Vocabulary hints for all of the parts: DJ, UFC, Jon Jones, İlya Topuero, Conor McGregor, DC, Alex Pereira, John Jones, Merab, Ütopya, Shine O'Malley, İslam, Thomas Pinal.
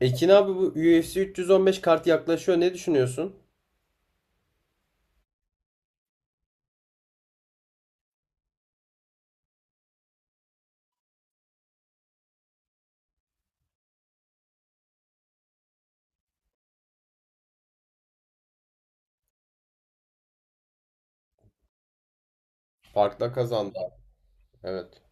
Ekin abi, bu UFC 315 kart yaklaşıyor. Ne düşünüyorsun? Farkla kazandı. Evet.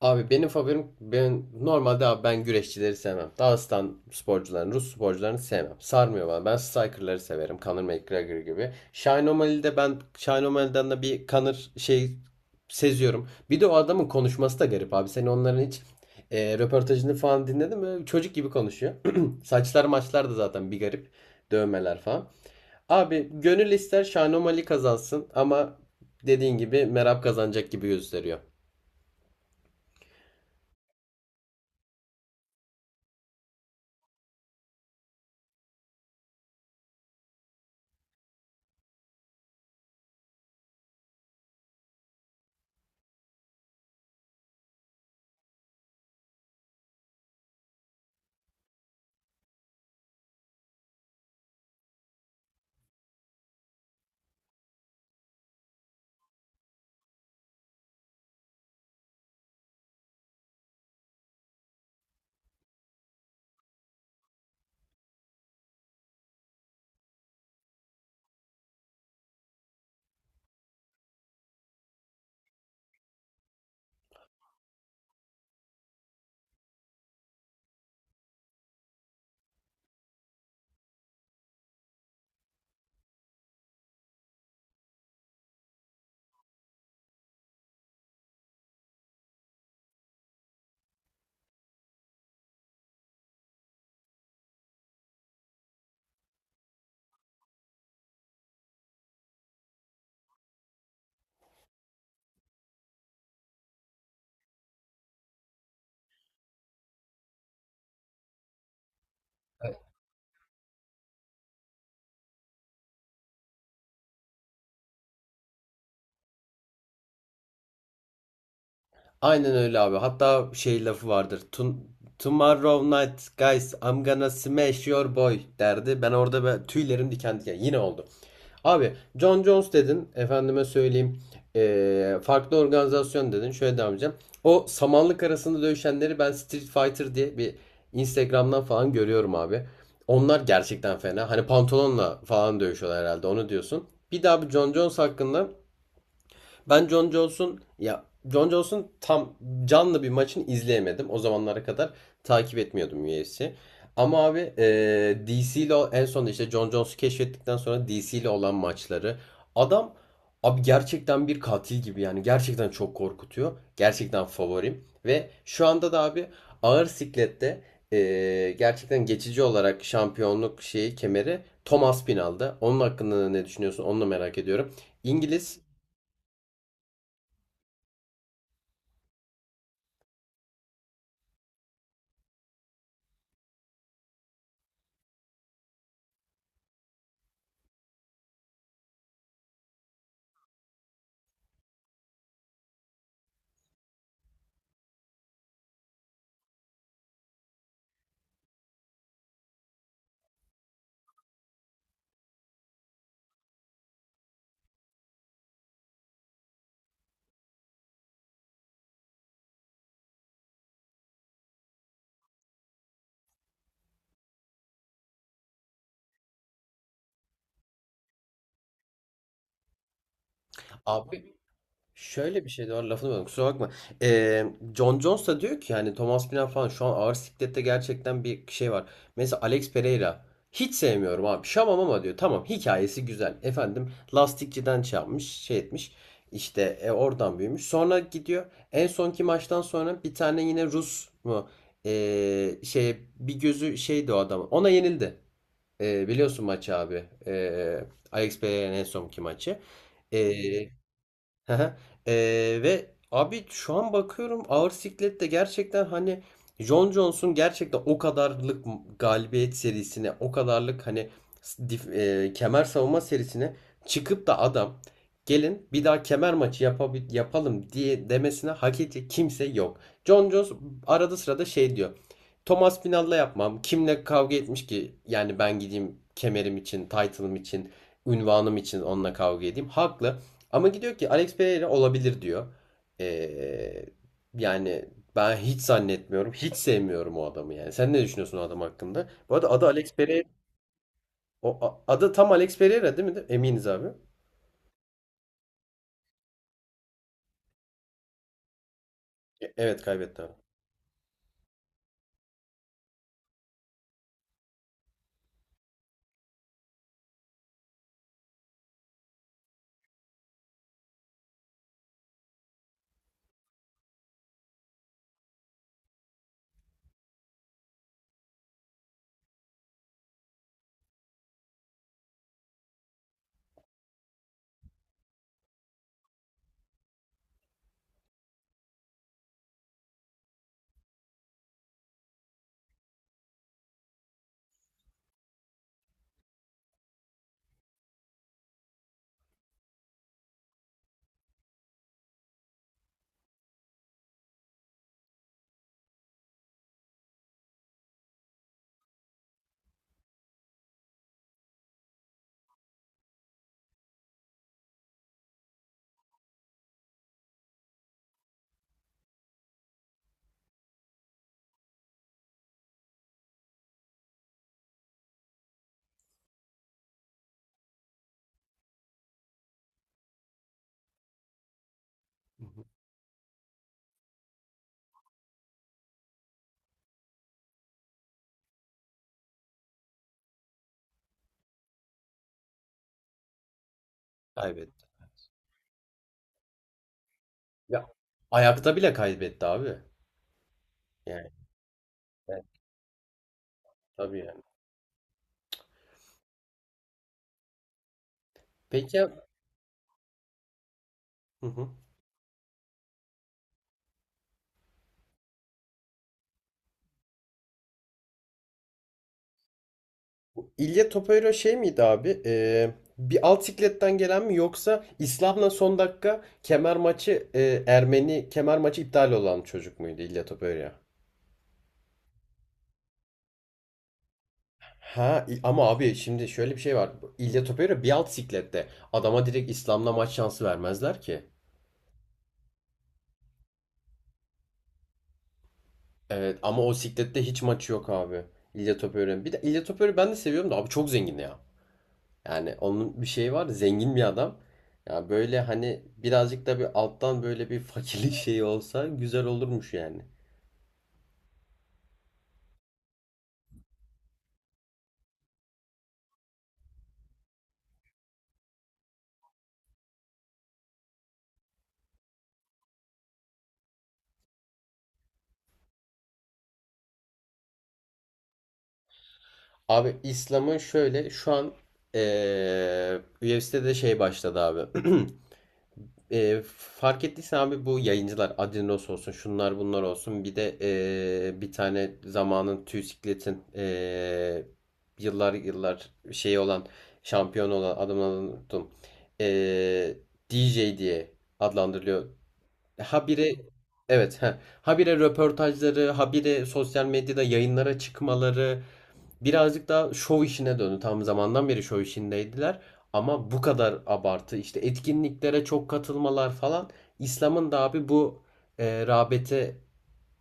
Abi benim favorim, ben normalde abi ben güreşçileri sevmem. Dağıstan sporcularını, Rus sporcularını sevmem. Sarmıyor bana. Ben strikerları severim. Conor McGregor gibi. Shine O'Malley'de, ben Shine O'Malley'den de bir Conor şey seziyorum. Bir de o adamın konuşması da garip abi. Sen onların hiç röportajını falan dinledin mi? Çocuk gibi konuşuyor. Saçlar maçlar da zaten bir garip. Dövmeler falan. Abi gönül ister Şanomali kazansın ama dediğin gibi Merab kazanacak gibi gösteriyor. Aynen öyle abi. Hatta şey lafı vardır. Tomorrow night guys I'm gonna smash your boy derdi. Ben orada tüylerim diken diken. Yine oldu. Abi John Jones dedin. Efendime söyleyeyim. Farklı organizasyon dedin. Şöyle devam edeceğim. O samanlık arasında dövüşenleri ben Street Fighter diye bir Instagram'dan falan görüyorum abi. Onlar gerçekten fena. Hani pantolonla falan dövüşüyorlar herhalde. Onu diyorsun. Bir daha bir John Jones hakkında, Jon Jones'un Jon Jones'un tam canlı bir maçını izleyemedim. O zamanlara kadar takip etmiyordum UFC. Ama abi, DC ile en son işte Jon Jones'u keşfettikten sonra DC ile olan maçları, adam abi gerçekten bir katil gibi, yani gerçekten çok korkutuyor. Gerçekten favorim ve şu anda da abi ağır siklette gerçekten geçici olarak şampiyonluk şeyi, kemeri Thomas Pinal'da. Onun hakkında ne düşünüyorsun? Onu da merak ediyorum. İngiliz abi, şöyle bir şey de var, lafını böldüm kusura bakma. Ee, John Jones da diyor ki, yani Thomas Pina falan şu an ağır siklette gerçekten bir şey var. Mesela Alex Pereira, hiç sevmiyorum abi şamam, ama diyor tamam hikayesi güzel. Efendim, lastikçiden şey yapmış şey etmiş, işte oradan büyümüş. Sonra gidiyor, en sonki maçtan sonra bir tane yine Rus mu, şey bir gözü şeydi o adam, ona yenildi. Biliyorsun maçı abi. Alex Pereira'nın en sonki maçı. Hı hı. Ee, Ve abi şu an bakıyorum ağır siklette gerçekten, hani Jon Jones'un gerçekten o kadarlık galibiyet serisine, o kadarlık hani kemer savunma serisine çıkıp da adam gelin bir daha kemer maçı yapalım diye demesine hak edecek kimse yok. Jon Jones arada sırada şey diyor. Thomas Pinal'la yapmam. Kimle kavga etmiş ki? Yani ben gideyim kemerim için, title'ım için, ünvanım için onunla kavga edeyim. Haklı. Ama gidiyor ki Alex Pereira olabilir diyor. Ee, Yani ben hiç zannetmiyorum. Hiç sevmiyorum o adamı yani. Sen ne düşünüyorsun o adam hakkında? Bu arada adı Alex Pereira. Adı tam Alex Pereira değil mi? Eminiz abi. Evet kaybetti abi. Hı hı. Kaybetti. Ya, ayakta bile kaybetti abi. Yani, evet, tabii yani. Peki ya. Hı hı. İlya Topuero şey miydi abi? Bir alt sikletten gelen mi, yoksa İslam'la son dakika kemer maçı, Ermeni kemer maçı iptal olan çocuk muydu İlya Topuero? Ama abi şimdi şöyle bir şey var. İlya Topuero bir alt siklette. Adama direkt İslam'la maç şansı vermezler ki. Evet ama o siklette hiç maçı yok abi. İlya Topuero'nun. Bir de İlya Topuero'yu ben de seviyorum da abi, çok zengin ya. Yani onun bir şeyi var. Zengin bir adam. Ya böyle hani birazcık da bir alttan böyle bir fakirlik şeyi olsa güzel olurmuş yani. Abi İslam'ın şöyle şu an UFC'de de şey başladı abi. Fark ettiysen abi, bu yayıncılar Adinos olsun, şunlar bunlar olsun, bir de bir tane zamanın Tüysiklet'in, yıllar yıllar şey olan, şampiyon olan adamın, unuttum. Eee, DJ diye adlandırılıyor. Habire, evet habire röportajları, habire sosyal medyada yayınlara çıkmaları, birazcık daha şov işine döndü. Tam zamandan beri şov işindeydiler ama bu kadar abartı, işte etkinliklere çok katılmalar falan, İslam'ın da abi bu rağbete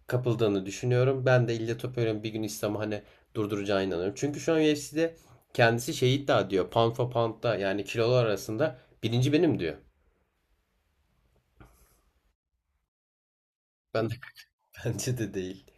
kapıldığını düşünüyorum. Ben de İlla Topuyruk'un bir gün İslam'ı hani durduracağına inanıyorum. Çünkü şu an UFC'de kendisi şey iddia ediyor. Pound for pound'da, yani kilolar arasında birinci benim diyor. Ben de bence de değil.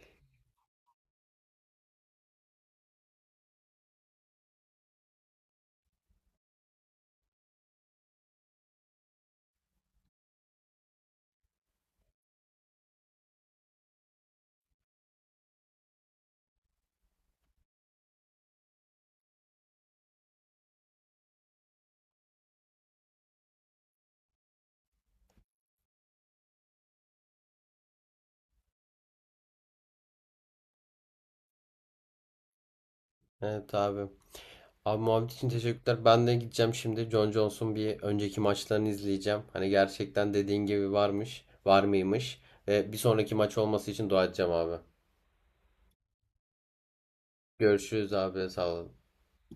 Evet abi. Abi, muhabbet için teşekkürler. Ben de gideceğim şimdi. John Jones'un bir önceki maçlarını izleyeceğim. Hani gerçekten dediğin gibi varmış, var mıymış. Ve bir sonraki maç olması için dua edeceğim abi. Görüşürüz abi. Sağ ol.